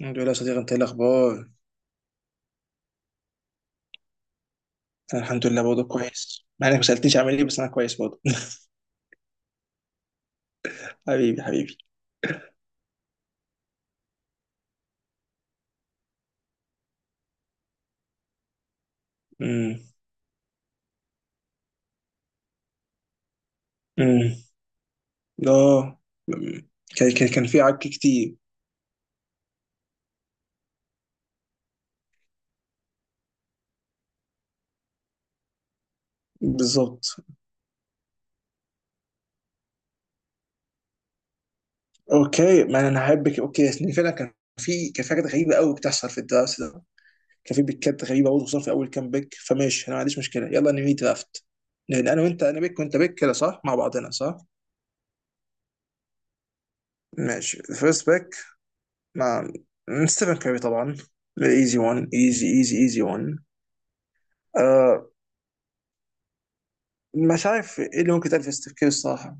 الحمد لله يا صديقي، انت ايه الاخبار؟ انا الحمد لله برضه كويس، مع انك ما سالتنيش عامل ايه، بس انا كويس برضه. حبيبي حبيبي. امم امم اه أمم. كان في عك كتير. بالظبط. اوكي، ما انا هحبك. اوكي يعني فعلا كان في حاجات غريبه قوي بتحصل في الدراسه ده. كان في بيكات غريبه برضه، خصوصا في اول كام بيك. فماشي، انا ما عنديش مشكله، يلا نمي درافت. لان انا وانت، انا بيك وانت بيك كده، صح؟ مع بعضنا، صح. ماشي، فيرست بيك مع ستيفن كاري طبعا. ايزي 1، ايزي ايزي ايزي 1. آه. مش عارف ايه اللي ممكن يتقال في ستيف كير الصراحه.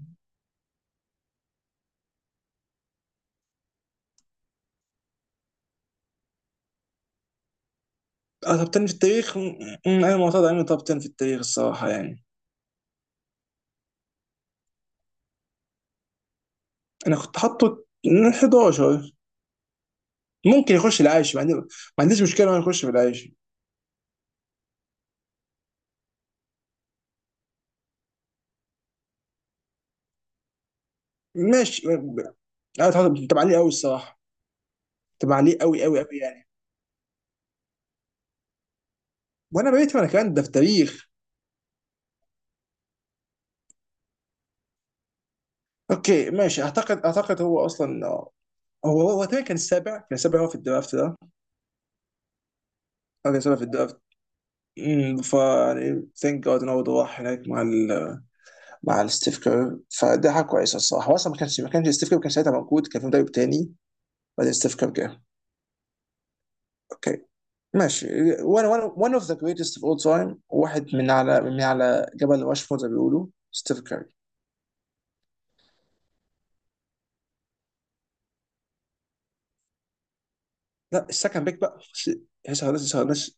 آه، توب 10 في التاريخ. انا معترض على انه توب 10 في التاريخ الصراحه يعني. انا كنت حاطه 11. ممكن يخش العاشر، ما عنديش مشكله انه يخش في العاشر. ماشي. انا حاطه تبع عليه قوي الصراحه، تبع عليه قوي يعني. وانا بقيت انا كمان ده في التاريخ. اوكي ماشي. اعتقد هو اصلا هو تقريبا كان السابع في الدرافت ده هو، كان السابع في الدرافت. فا يعني ثانك جاد ان هو راح هناك مع ال مع الستيف كير، فده حاجه كويسه الصراحه. هو اصلا ما كانش ستيف كير كان ساعتها موجود، كان في مدرب تاني، بعدين ستيف كير جه. اوكي ماشي. وانا one اوف ذا جريتست اوف اول تايم، واحد من على جبل راشمور زي ما بيقولوا، ستيف كير. لا، السكند بيك بقى. لسه.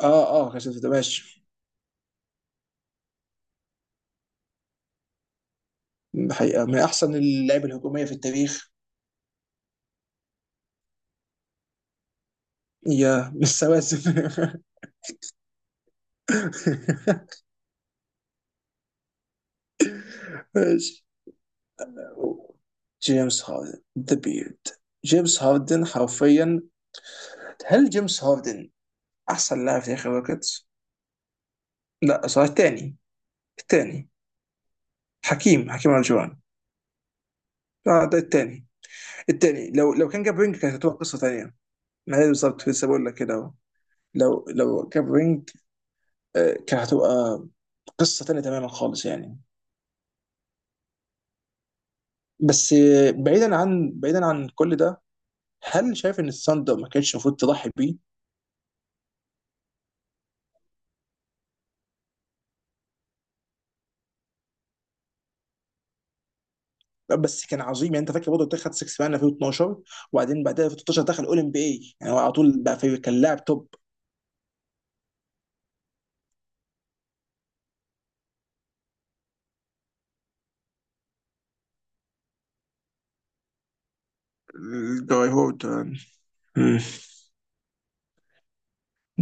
اه اه، كانت ده ماشي. الحقيقه من احسن اللعيبه الهجوميه في التاريخ. يا مش سواسف. ماشي. جيمس هاردن ذا بيرد. جيمس هاردن حرفيا، هل جيمس هاردن احسن لاعب في تاريخ الروكيتس؟ لا، صار الثاني. الثاني. حكيم، حكيم الجوان. لا، ده الثاني. الثاني لو لو كان جاب رينج كانت هتبقى قصه ثانيه. ما هي بالظبط، لسه بقول لك كده اهو. لو جاب رينج، كانت هتبقى قصه ثانيه تماما خالص يعني. بس بعيدا عن كل ده، هل شايف ان الثاندر ما كانش المفروض تضحي بيه؟ لا، بس كان عظيم يعني. انت فاكر برضه بتاع خد 6 مان 2012؟ وبعدين بعدها في 2013 دخل اول ام بي اي، يعني هو على طول بقى في، كان لاعب توب. الجاي هورد.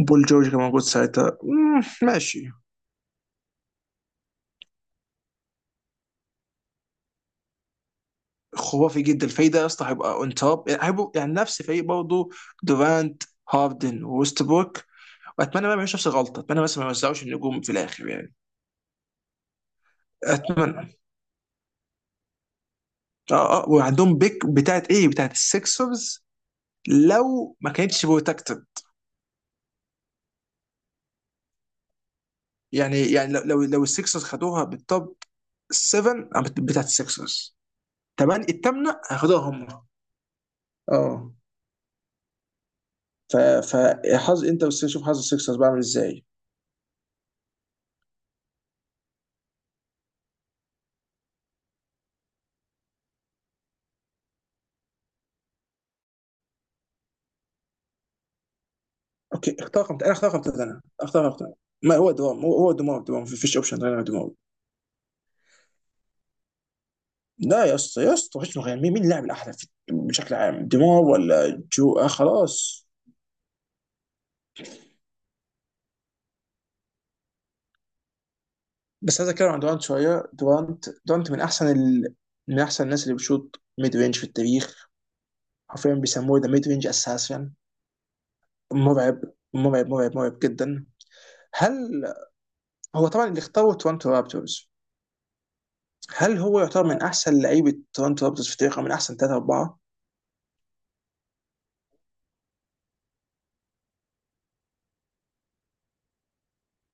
بول جورج كان موجود ساعتها. ماشي. خرافي جدا الفايده يا اسطى، هيبقى اون توب، يعني هيبقوا يعني نفس فريق برضه: دورانت، هاردن ووستبروك. واتمنى ما يعملوش نفس الغلطه، اتمنى بس ما يوزعوش النجوم في الاخر يعني. اتمنى. اه اه، وعندهم بيك بتاعت ايه، بتاعت السكسرز، لو ما كانتش بروتكتد. لو السكسرز خدوها بالتوب 7، بتاعت السكسرز، تمام الثامنه هياخدوها هم. اه. ف فحظ، انت بس شوف حظ السكسرز بعمل ازاي. اوكي، اختار خمسة انا اختار خمسة انا اختار خمسة. ما هو دوام، هو دوام، دوام ما فيش اوبشن غير دوام. لا يا اسطى، وحشني غير، مين اللاعب الاحلى بشكل عام، دوام ولا جو؟ آه خلاص. بس عايز اتكلم عن دورانت شويه. دورانت، من احسن الناس اللي بتشوط ميد رينج في التاريخ. حرفيا بيسموه ذا ميد رينج اساسا. مرعب. مرعب جدا. هل هو طبعا اللي اختاره تورنتو رابترز، هل هو يعتبر من احسن لعيبه تورنتو رابترز في التاريخ، او من احسن ثلاثه اربعه؟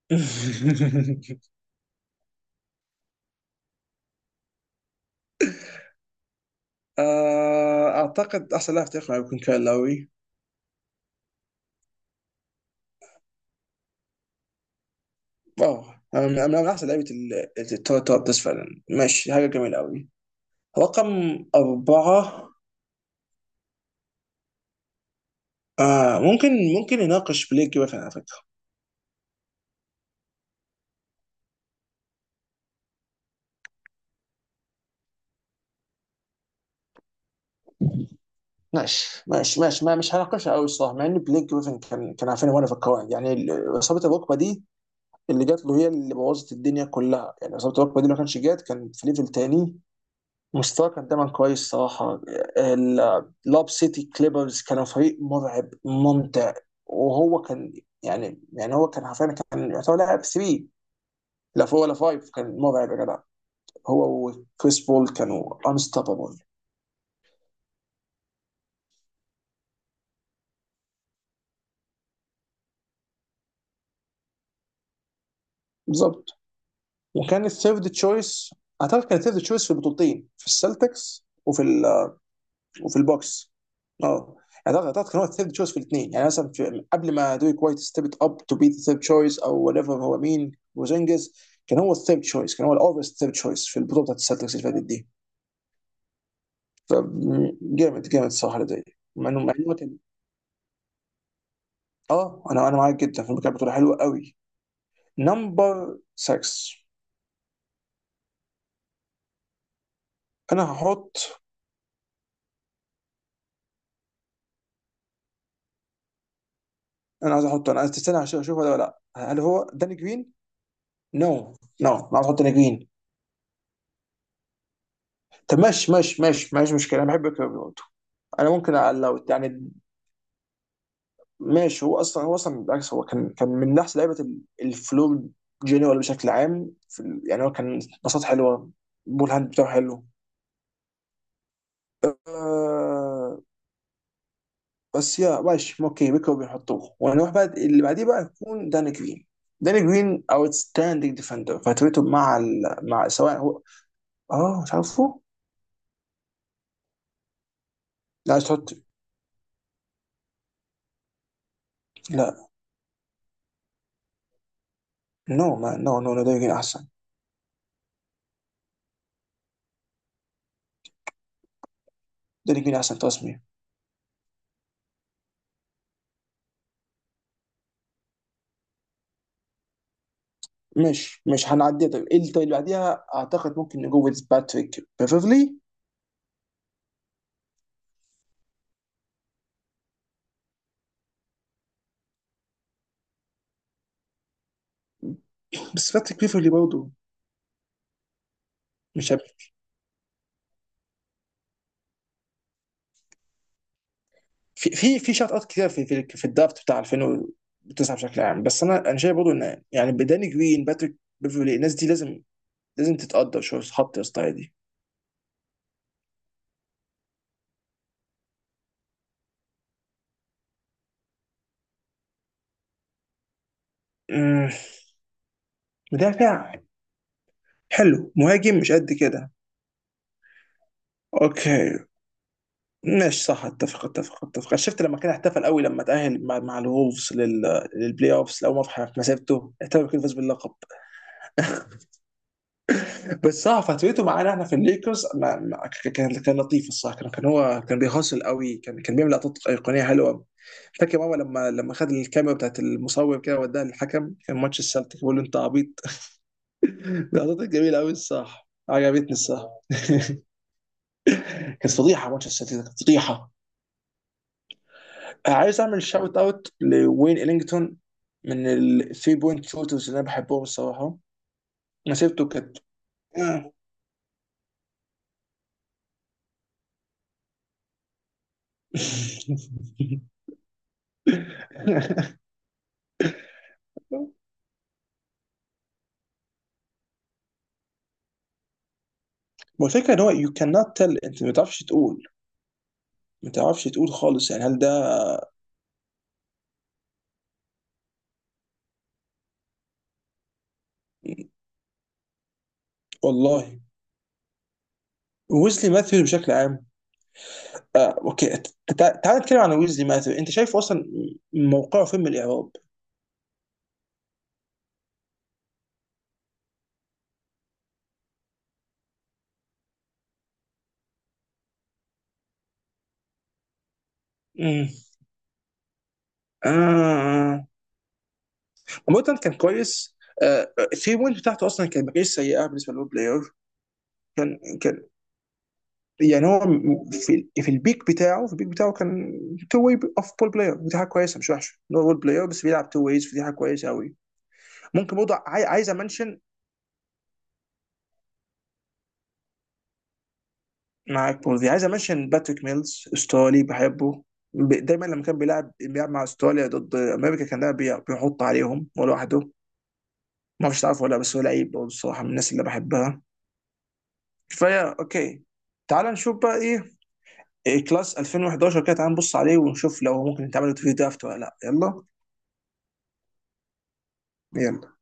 آه، اعتقد احسن لاعب في التاريخ يكون كايل لاوي. اه. أنا من احسن لعيبه التوب، بس فعلا ماشي، حاجه جميله قوي. رقم أربعة. آه ممكن، ممكن نناقش بليك جريفن على فكرة. ماشي ما مش هناقشها قوي الصراحة، مع إن بليك جريفن كان، كان عارفين وانا في القواعد، يعني إصابة الركبة دي اللي جات له هي اللي بوظت الدنيا كلها، يعني إصابة الركبة دي لو ما كانش جات كان في ليفل تاني. مستواه كان دايما كويس صراحة. لاب سيتي كليبرز كانوا فريق مرعب ممتع، وهو كان، يعني هو كان حرفيا كان يعتبر لاعب 3 لا 4 ولا 5، كان مرعب يا جدع. هو وكريس بول كانوا انستوبابل. بالظبط. وكان الثيرد تشويس، اعتقد كان الثيرد تشويس في البطولتين، في السلتكس وفي، وفي البوكس. اه. يعني اعتقد كان هو الثيرد تشويس في الاثنين، يعني مثلا في، قبل ما دويك وايت ستيبت اب تو بي ذا ثيرد تشويس او وات ايفر، هو مين، وزنجز، كان هو الثيرد تشويس، كان هو الاوفرز ثيرد تشويس في البطوله بتاعت السلتكس اللي فاتت دي. فجامد، جامد الصراحه لدي. مع إنه كان، اه. انا معاك جدا، في، كانت بطوله حلوه قوي. نمبر 6. انا هحط، انا عايز احطه، انا عايز تستنى عشان اشوف ولا لا. هل هو داني جرين؟ نو. نو، انا عايز احط داني جرين. طب ماشي ماشي، مشكله انا بحب كيربي. انا ممكن لو يعني، ماشي. هو اصلا بالعكس، هو كان، كان من احسن لعيبه الفلو جنرال بشكل عام في يعني هو كان، باصات حلوه، بول هاند بتاعه حلو. آه. بس يا ماشي اوكي، بيكو بيحطوه، ونروح بقى اللي بعديه بقى يكون داني جرين. داني جرين اوتستاندينج ديفندر، فترته مع مع سواء هو. اه مش عارفه. لا تحط. لا. نو ما نو نو نو، داني جرين احسن. داني جرين احسن تصميم. مش، مش هنعديها. طيب ايه اللي، طيب اللي بعديها اعتقد ممكن نجوز باتريك بيفرلي. بس باتريك بيفرلي برضه مش عارف. في شوت اوت كتير في الدرافت بتاع 2009 بشكل عام، بس انا شايف برضه ان يعني بداني جرين، باتريك بيفرلي، الناس دي لازم، لازم تتقدر شويه، تتحط يا اسطى دي. أمم، مدافع حلو، مهاجم مش قد كده. اوكي ماشي، صح. اتفق. شفت لما كان احتفل قوي لما تاهل مع الولفز للبلاي اوفز لاول مره في مسيرته، احتفل كده فاز باللقب. بس صح، فترته معانا احنا في الليكرز، ما ما ك- كان كان لطيف الصراحه، كان كان، هو كان بيهاصل قوي، كان كان بيعمل لقطات ايقونيه حلوه. فاكر ماما لما خد الكاميرا بتاعت المصور كده وداها للحكم، كان ماتش السلتيك، بيقول له انت عبيط. لقطات جميله قوي الصح، عجبتني الصح. كانت فضيحه ماتش السلتيك ده، كانت فضيحه. عايز اعمل شاوت اوت لوين الينجتون، من الثري بوينت شوترز اللي انا بحبهم الصراحه، مسيرته كانت. هو الفكرة ان هو you cannot tell، انت ما تعرفش تقول، ما تعرفش تقول خالص يعني، هل ده. والله. ويزلي ماثيوز بشكل عام، اوكي، تعال نتكلم عن ويزلي ماثيوز. انت شايف اصلا موقعه فين من الاعراب؟ امم. آه. عموما كان كويس. آه، الثري بوينت بتاعته اصلا كانت ما كانتش سيئه بالنسبه للو بلاير. كان يعني هو في في البيك بتاعه كان تو واي اوف بول بلاير، ودي حاجه كويسه، مش وحشه إن هو بول بلاير بس بيلعب تو ويز، فدي حاجه كويسه قوي. ممكن برضه عايز امنشن، معاك بوزي، عايز امنشن باتريك ميلز، استرالي بحبه. دايما لما كان بيلعب، بيلعب مع استراليا ضد امريكا، كان دايما بيحط عليهم لوحده. ما اعرفش تعرفه ولا لا، بس هو لعيب برضه الصراحه من الناس اللي بحبها. فيا اوكي، تعال نشوف بقى ايه، إيه كلاس 2011 كده، تعال نبص عليه ونشوف لو ممكن يتعمل في درافت ولا لا. يلا يلا.